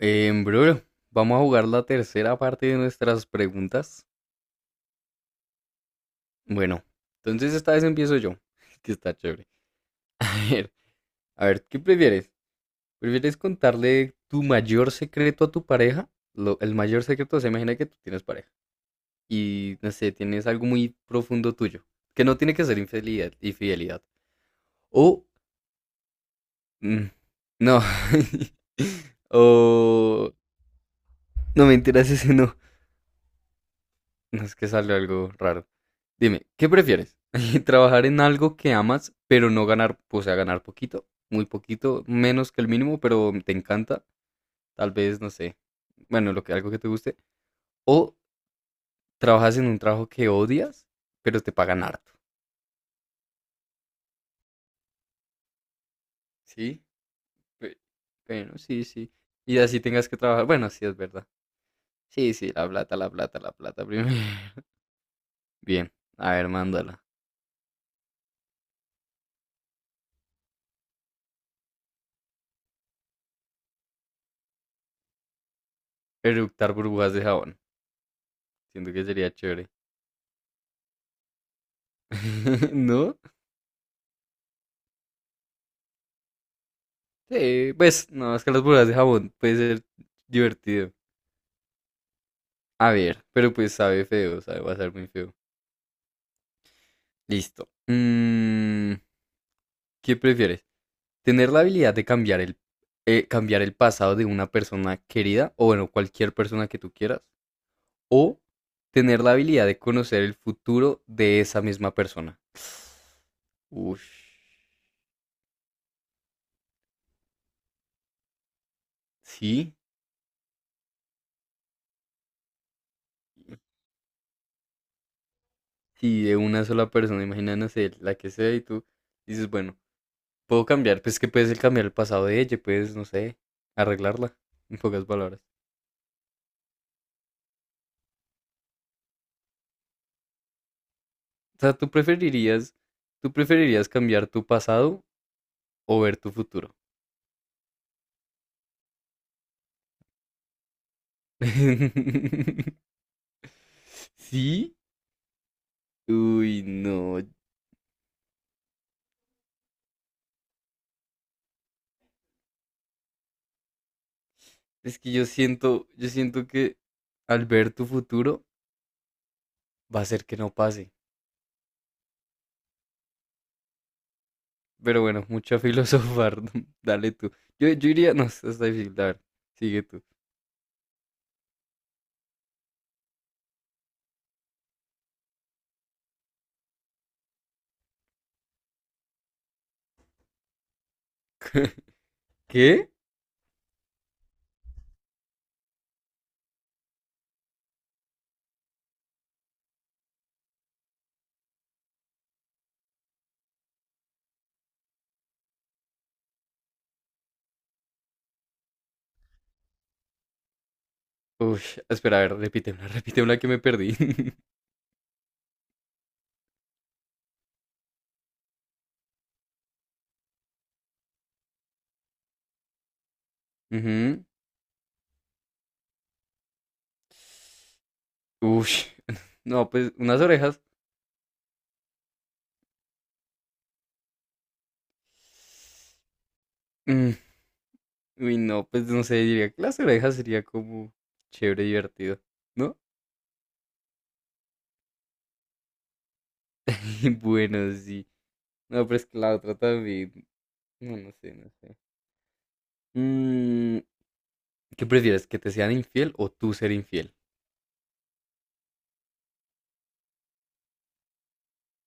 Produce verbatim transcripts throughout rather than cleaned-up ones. Em, bro, vamos a jugar la tercera parte de nuestras preguntas. Bueno, entonces esta vez empiezo yo, que está chévere. A ver, a ver, ¿qué prefieres? ¿Prefieres contarle tu mayor secreto a tu pareja? Lo- el mayor secreto, se imagina que tú tienes pareja y, no sé, tienes algo muy profundo tuyo, que no tiene que ser infidelidad, infidelidad. O, mm, no, o, no mentiras, ese no. No, es que salió algo raro. Dime, ¿qué prefieres? ¿Trabajar en algo que amas, pero no ganar, o sea, ganar poquito, muy poquito, menos que el mínimo, pero te encanta? Tal vez, no sé, bueno, lo que, algo que te guste. ¿O trabajas en un trabajo que odias, pero te pagan harto? ¿Sí? Pe- Bueno, sí, sí. Y así tengas que trabajar. Bueno, sí, es verdad. Sí, sí, la plata, la plata, la plata primero. Bien, a ver, mándala. Eructar burbujas de jabón. Siento que sería chévere. ¿No? Sí, pues no, es que las burbujas de jabón puede ser divertido. A ver, pero pues sabe feo, sabe, va a ser muy feo. Listo. Mm, ¿qué prefieres? ¿Tener la habilidad de cambiar el, eh, cambiar el pasado de una persona querida, o bueno, cualquier persona que tú quieras, o tener la habilidad de conocer el futuro de esa misma persona? Uff, sí, sí, de una sola persona, imagina, no sé, la que sea y tú dices, bueno, puedo cambiar, pues que puedes cambiar el pasado de ella, puedes, no sé, arreglarla, en pocas palabras. O sea, tú preferirías, tú preferirías cambiar tu pasado o ver tu futuro. ¿Sí? Uy, no. Es que yo siento, yo siento que al ver tu futuro va a ser que no pase. Pero bueno, mucha filosofar. Dale tú. Yo, yo iría, no, eso está difícil. A ver, sigue tú. ¿Qué? Uy, espera, a ver, repítemela, repítemela que me perdí. Ujú, uy, no, pues unas orejas. mm, Uy, no, pues no sé, diría que las orejas sería como chévere, divertido, ¿no? Y bueno, sí. No, pero es que la otra también. No, no sé, no sé. Mm, ¿Qué prefieres? ¿Que te sean infiel o tú ser infiel?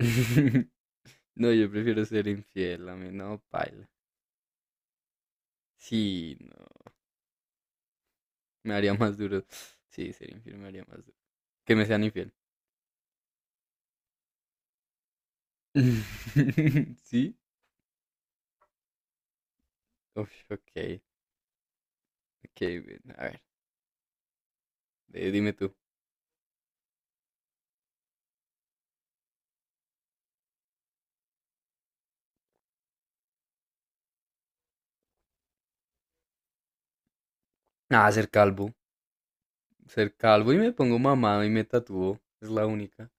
No, yo prefiero ser infiel, a mí no, paila. Sí, no, me haría más duro. Sí, ser infiel me haría más duro. Que me sean infiel. ¿Sí? Uf, ok, ok, bien, a ver, eh, dime tú. Nada, ser calvo. Ser calvo y me pongo mamado y me tatúo. Es la única.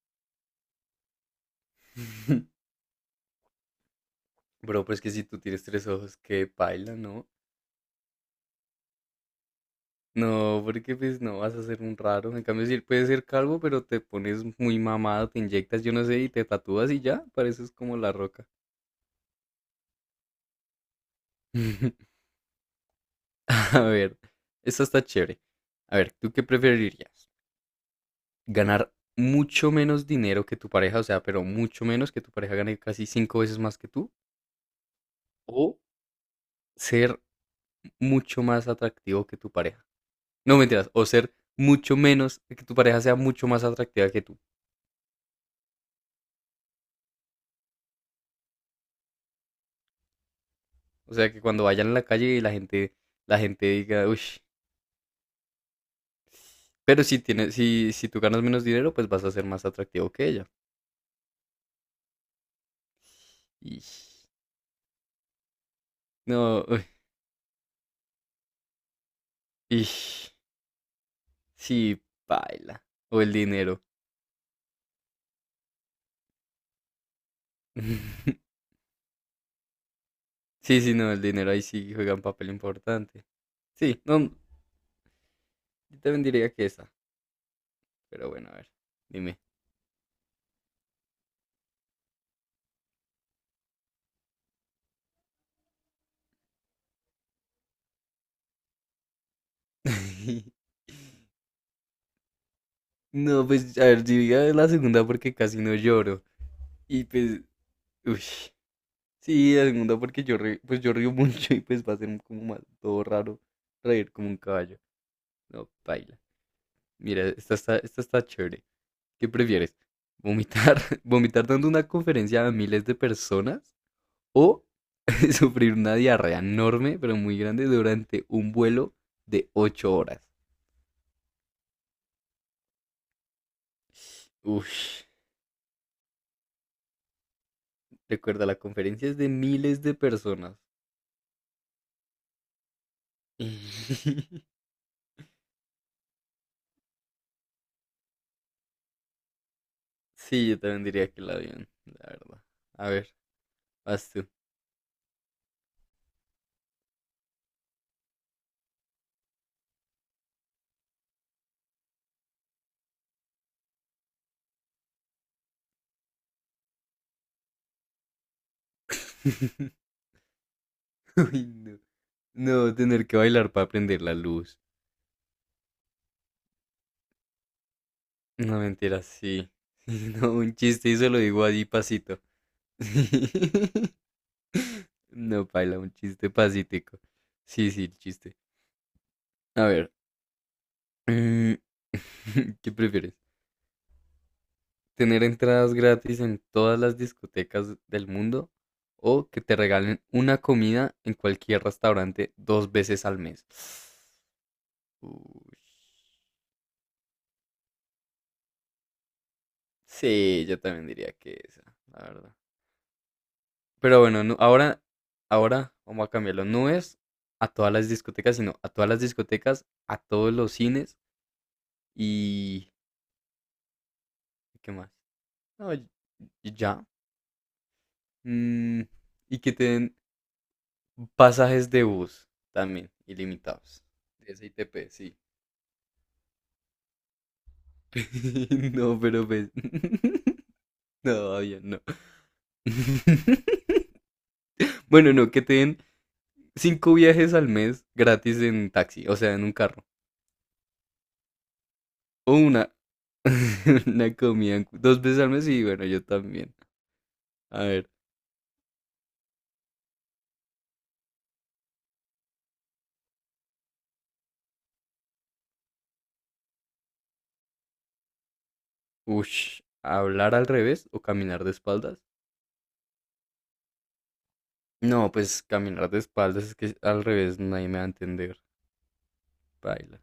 Bro, pero es que si tú tienes tres ojos, qué paila, ¿no? No, porque pues no vas a ser un raro. En cambio, si puedes ser calvo, pero te pones muy mamado, te inyectas, yo no sé, y te tatúas y ya, pareces como La Roca. A ver, esta está chévere. A ver, ¿tú qué preferirías? ¿Ganar mucho menos dinero que tu pareja? O sea, pero mucho menos que tu pareja gane casi cinco veces más que tú. ¿O ser mucho más atractivo que tu pareja? No mentiras, o ser mucho menos, que tu pareja sea mucho más atractiva que tú. O sea, que cuando vayan a la calle y la gente, la gente, diga, uy, pero si, tienes, si, si tú ganas menos dinero, pues vas a ser más atractivo que ella. Y no, y sí, baila. O el dinero. Sí, sí, no, el dinero ahí sí juega un papel importante. Sí, no, yo también diría que esa. Pero bueno, a ver, dime. No, pues, a ver, diría la segunda porque casi no lloro. Y pues, uy. Sí, la segunda porque yo, re- pues, yo río mucho y pues va a ser como más todo raro reír como un caballo. No, baila. Mira, esta está, esta está chévere. ¿Qué prefieres? ¿Vomitar, vomitar dando una conferencia a miles de personas o sufrir una diarrea enorme, pero muy grande, durante un vuelo de ocho horas? Uy, recuerda, la conferencia es de miles de personas. Sí, yo también diría que el avión, la verdad. A ver, vas tú. Uy, no. No, tener que bailar para prender la luz. No, mentira, sí. Sí, no, un chiste y se lo digo allí pasito. No, paila, un chiste pasítico. Sí, sí, el chiste. A ver, mm, ¿qué prefieres? ¿Tener entradas gratis en todas las discotecas del mundo o que te regalen una comida en cualquier restaurante dos veces al mes? Uy. Sí, yo también diría que esa, la verdad. Pero bueno, nu- ahora, ahora vamos a cambiarlo. No es a todas las discotecas, sino a todas las discotecas, a todos los cines y... ¿Qué más? No, y- y ya. Mm, y que te den pasajes de bus también, ilimitados. De S I T P, sí. No, pero pues. No, todavía no. Bueno, no, que te den cinco viajes al mes gratis en taxi, o sea, en un carro. O una, una comida en- dos veces al mes y bueno, yo también. A ver, ush, ¿hablar al revés o caminar de espaldas? No, pues caminar de espaldas es que al revés nadie me va a entender. Paila.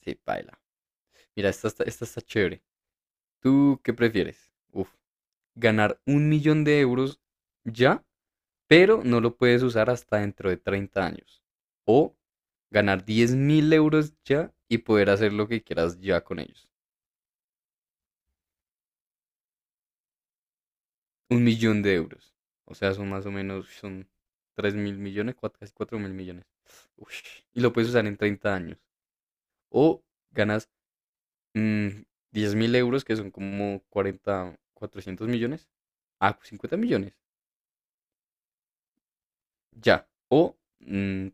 Sí, paila. Mira, esta está, esta está chévere. ¿Tú qué prefieres? Uf, ¿ganar un millón de euros ya pero no lo puedes usar hasta dentro de treinta años? O ganar diez mil euros ya y poder hacer lo que quieras ya con ellos? Un millón de euros. O sea, son más o menos, son tres mil millones, cuatro- casi cuatro mil millones. Uy, y lo puedes usar en treinta años. O ganas mm, diez mil euros, que son como cuarenta cuatrocientos millones. Ah, cincuenta millones. Ya. O, mm,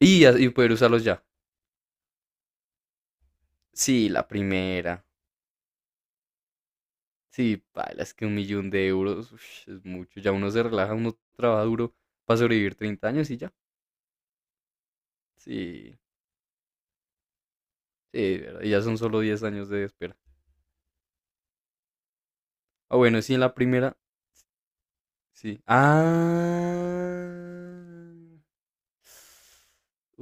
y, y poder usarlos ya. Sí, la primera. Sí, paila, es que un millón de euros ush, es mucho. Ya uno se relaja, uno trabaja duro para sobrevivir treinta años y ya. Sí, sí, ¿verdad? Y ya son solo diez años de espera. Ah, bueno, sí, en la primera, sí. Ah.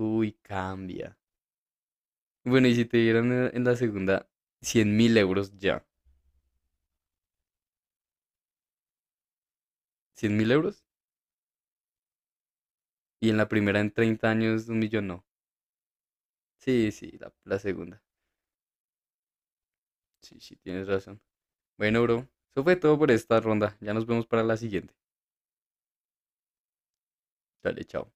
Uy, cambia. Bueno, y si te dieran en en la segunda cien mil euros ya. cien mil euros. Y en la primera en treinta años un millón no. Sí, sí, la, la segunda. Sí, sí, tienes razón. Bueno, bro, eso fue todo por esta ronda. Ya nos vemos para la siguiente. Dale, chao.